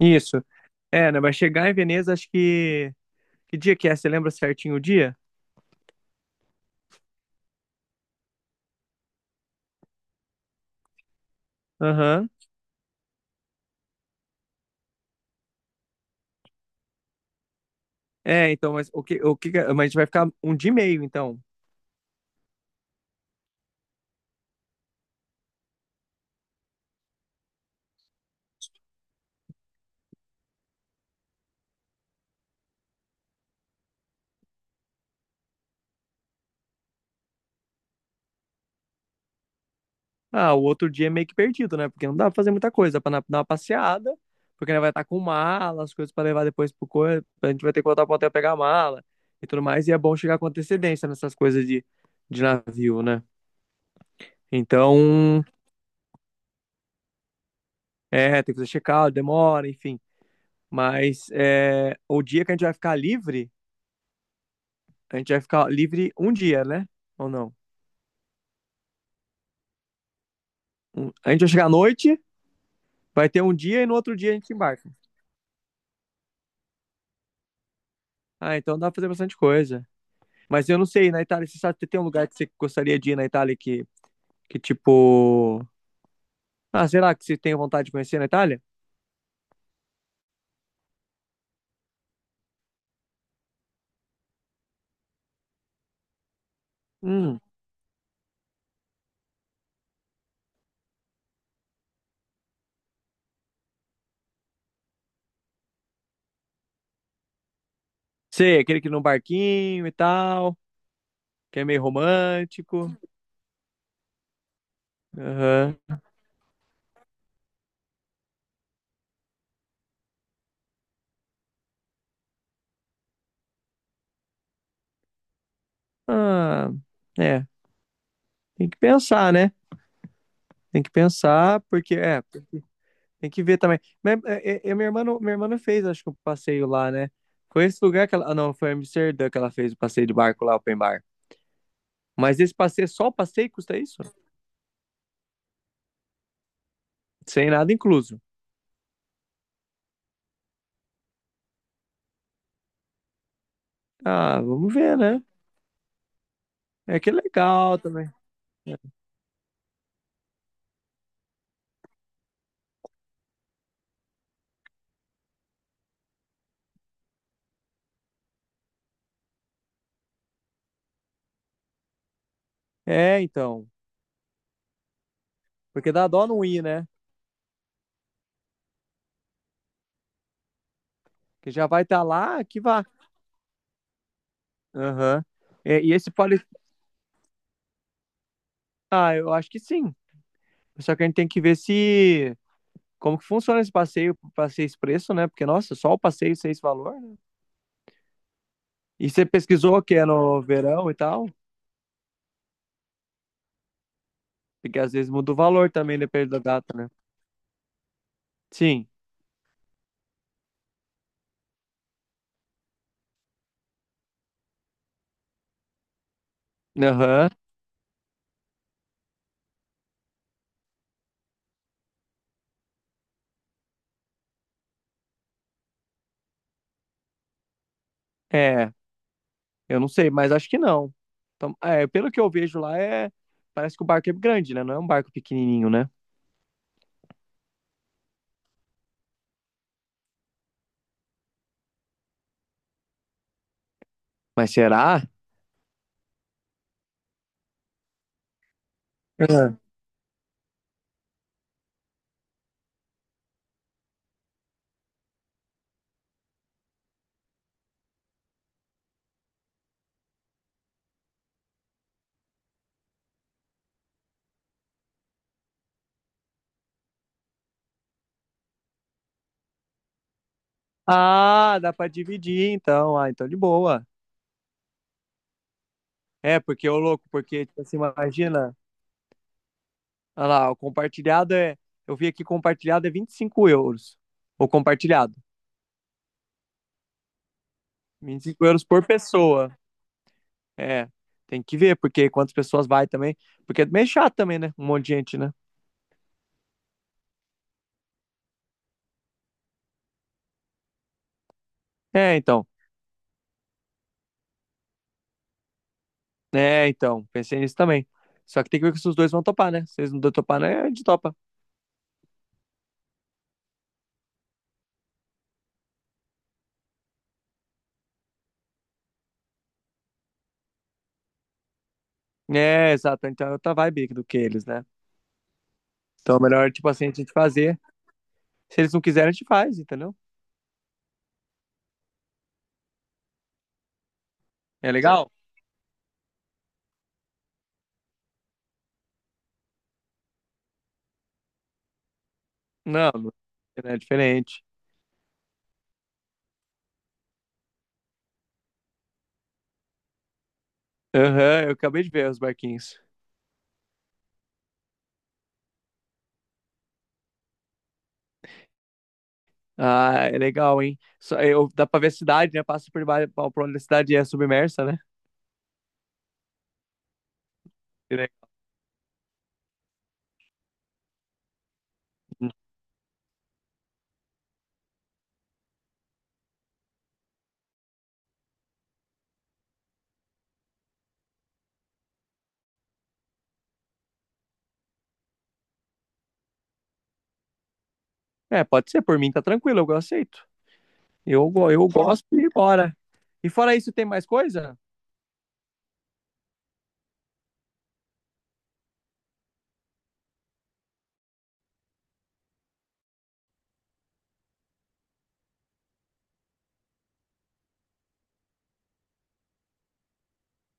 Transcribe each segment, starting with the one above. Isso. É, né? Vai chegar em Veneza, acho que. Que dia que é? Você lembra certinho o dia? Aham. É, então, mas o que, o que. Mas a gente vai ficar um dia e meio, então. Ah, o outro dia é meio que perdido, né? Porque não dá pra fazer muita coisa. Dá pra dar uma passeada, porque né, vai estar com mala, as coisas pra levar depois pro corpo. A gente vai ter que voltar pro hotel pegar a mala e tudo mais. E é bom chegar com antecedência nessas coisas de navio, né? Então, é, tem que fazer check-out, demora, enfim. Mas é, o dia que a gente vai ficar livre. A gente vai ficar livre um dia, né? Ou não? A gente vai chegar à noite, vai ter um dia e no outro dia a gente embarca. Ah, então dá pra fazer bastante coisa. Mas eu não sei, na Itália, você sabe, tem um lugar que você gostaria de ir na Itália que tipo... Ah, será que você tem vontade de conhecer na Itália? Hum, sei, aquele que no barquinho e tal, que é meio romântico. Aham. Ah, é, tem que pensar, né? Tem que pensar, porque é. Tem que ver também. Mas, é, é, é, minha irmã, minha irmã não fez, acho que o passeio lá, né? Foi esse lugar que ela. Ah, não, foi Amsterdã que ela fez o passeio de barco lá, open bar. Mas esse passeio, só o passeio custa isso? Sem nada incluso. Ah, vamos ver, né? É que é legal também. É, então. Porque dá dó não ir, né? Que já vai estar lá, que vá. Aham. É, e esse poli... Ah, eu acho que sim. Só que a gente tem que ver se como que funciona esse passeio, passeio expresso, né? Porque, nossa, só o passeio sem esse valor, né? E você pesquisou que é no verão e tal? Porque às vezes muda o valor também, depende da data, né? Sim. Aham. É. Eu não sei, mas acho que não. Então, é, pelo que eu vejo lá, é. Parece que o barco é grande, né? Não é um barco pequenininho, né? Mas será? É. Ah, dá pra dividir, então. Ah, então de boa. É, porque, ô louco, porque, tipo assim, imagina. Olha lá, o compartilhado é. Eu vi aqui compartilhado é 25 euros. O compartilhado. Vinte e cinco euros por pessoa. É. Tem que ver, porque quantas pessoas vai também. Porque é meio chato também, né? Um monte de gente, né? É, então. É, então. Pensei nisso também. Só que tem que ver se os dois vão topar, né? Se eles não topar, né? A gente topa. É, exato. Então é outra vibe do que eles, né? Então é melhor, tipo assim, a gente fazer. Se eles não quiserem, a gente faz, entendeu? É legal? Não, não é diferente. Aham, eu acabei de ver os barquinhos. Ah, é legal, hein? Só, eu, dá pra ver a cidade, né? Passa por baixo, por onde a cidade é submersa, né? Que le- É, pode ser, por mim tá tranquilo, eu aceito. Eu, eu gosto e bora. E fora isso, tem mais coisa?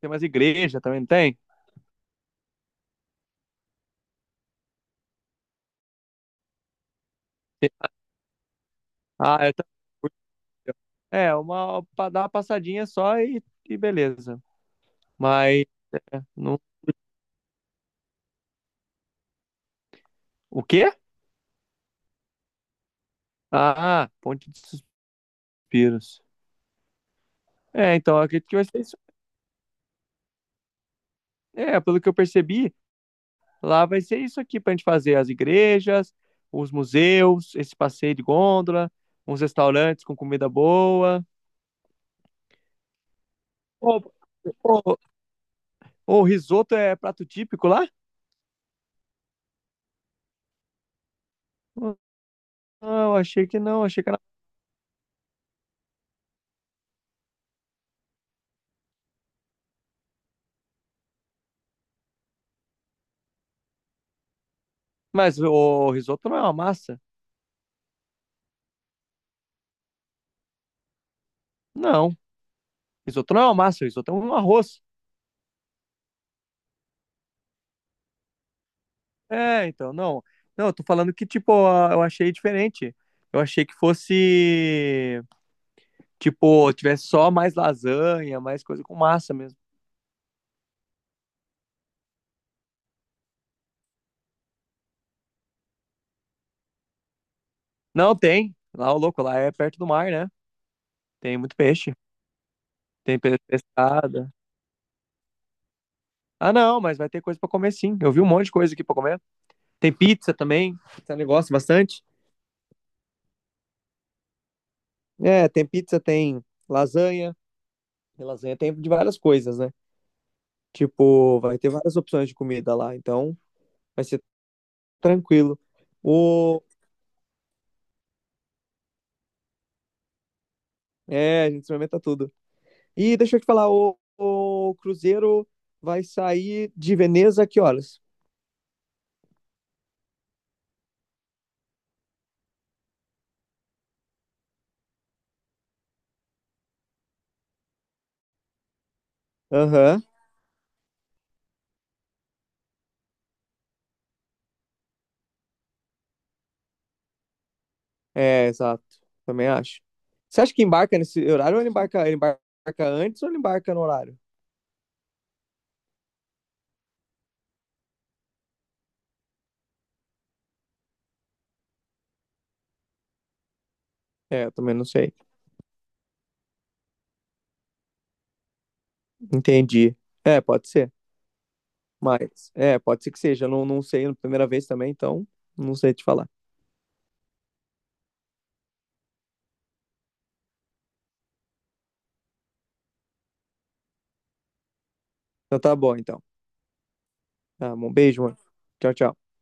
Tem mais igreja também, não tem? Ah, eu também. Curto. É, uma, pra dar uma passadinha só e beleza. Mas, não... o quê? Ah, Ponte de Suspiros. É, então, eu acredito que vai ser isso. É, pelo que eu percebi, lá vai ser isso aqui para a gente fazer as igrejas, os museus, esse passeio de gôndola, uns restaurantes com comida boa. Ô, ô, o risoto é prato típico lá? Não, achei que não, achei que era. Mas o risoto não é uma massa? Não, risoto não é uma massa, risoto é um arroz. É, então, não. Não, eu tô falando que, tipo, eu achei diferente. Eu achei que fosse, tipo, tivesse só mais lasanha, mais coisa com massa mesmo. Não, tem. Lá, o louco, lá é perto do mar, né? Tem muito peixe. Tem pescada. Ah, não, mas vai ter coisa pra comer sim. Eu vi um monte de coisa aqui pra comer. Tem pizza também. Você negócio bastante. É, tem pizza, tem lasanha. E lasanha tem de várias coisas, né? Tipo, vai ter várias opções de comida lá. Então, vai ser tranquilo. O... É, a gente experimenta tudo. E deixa eu te falar, o cruzeiro vai sair de Veneza a que horas? Aham. É, exato. Também acho. Você acha que embarca nesse horário ou ele embarca antes ou ele embarca no horário? É, eu também não sei. Entendi. É, pode ser. Mas, é, pode ser que seja. Eu não, não sei na primeira vez também, então não sei te falar. Então. Tá bom, beijo, mano. Tchau, tchau.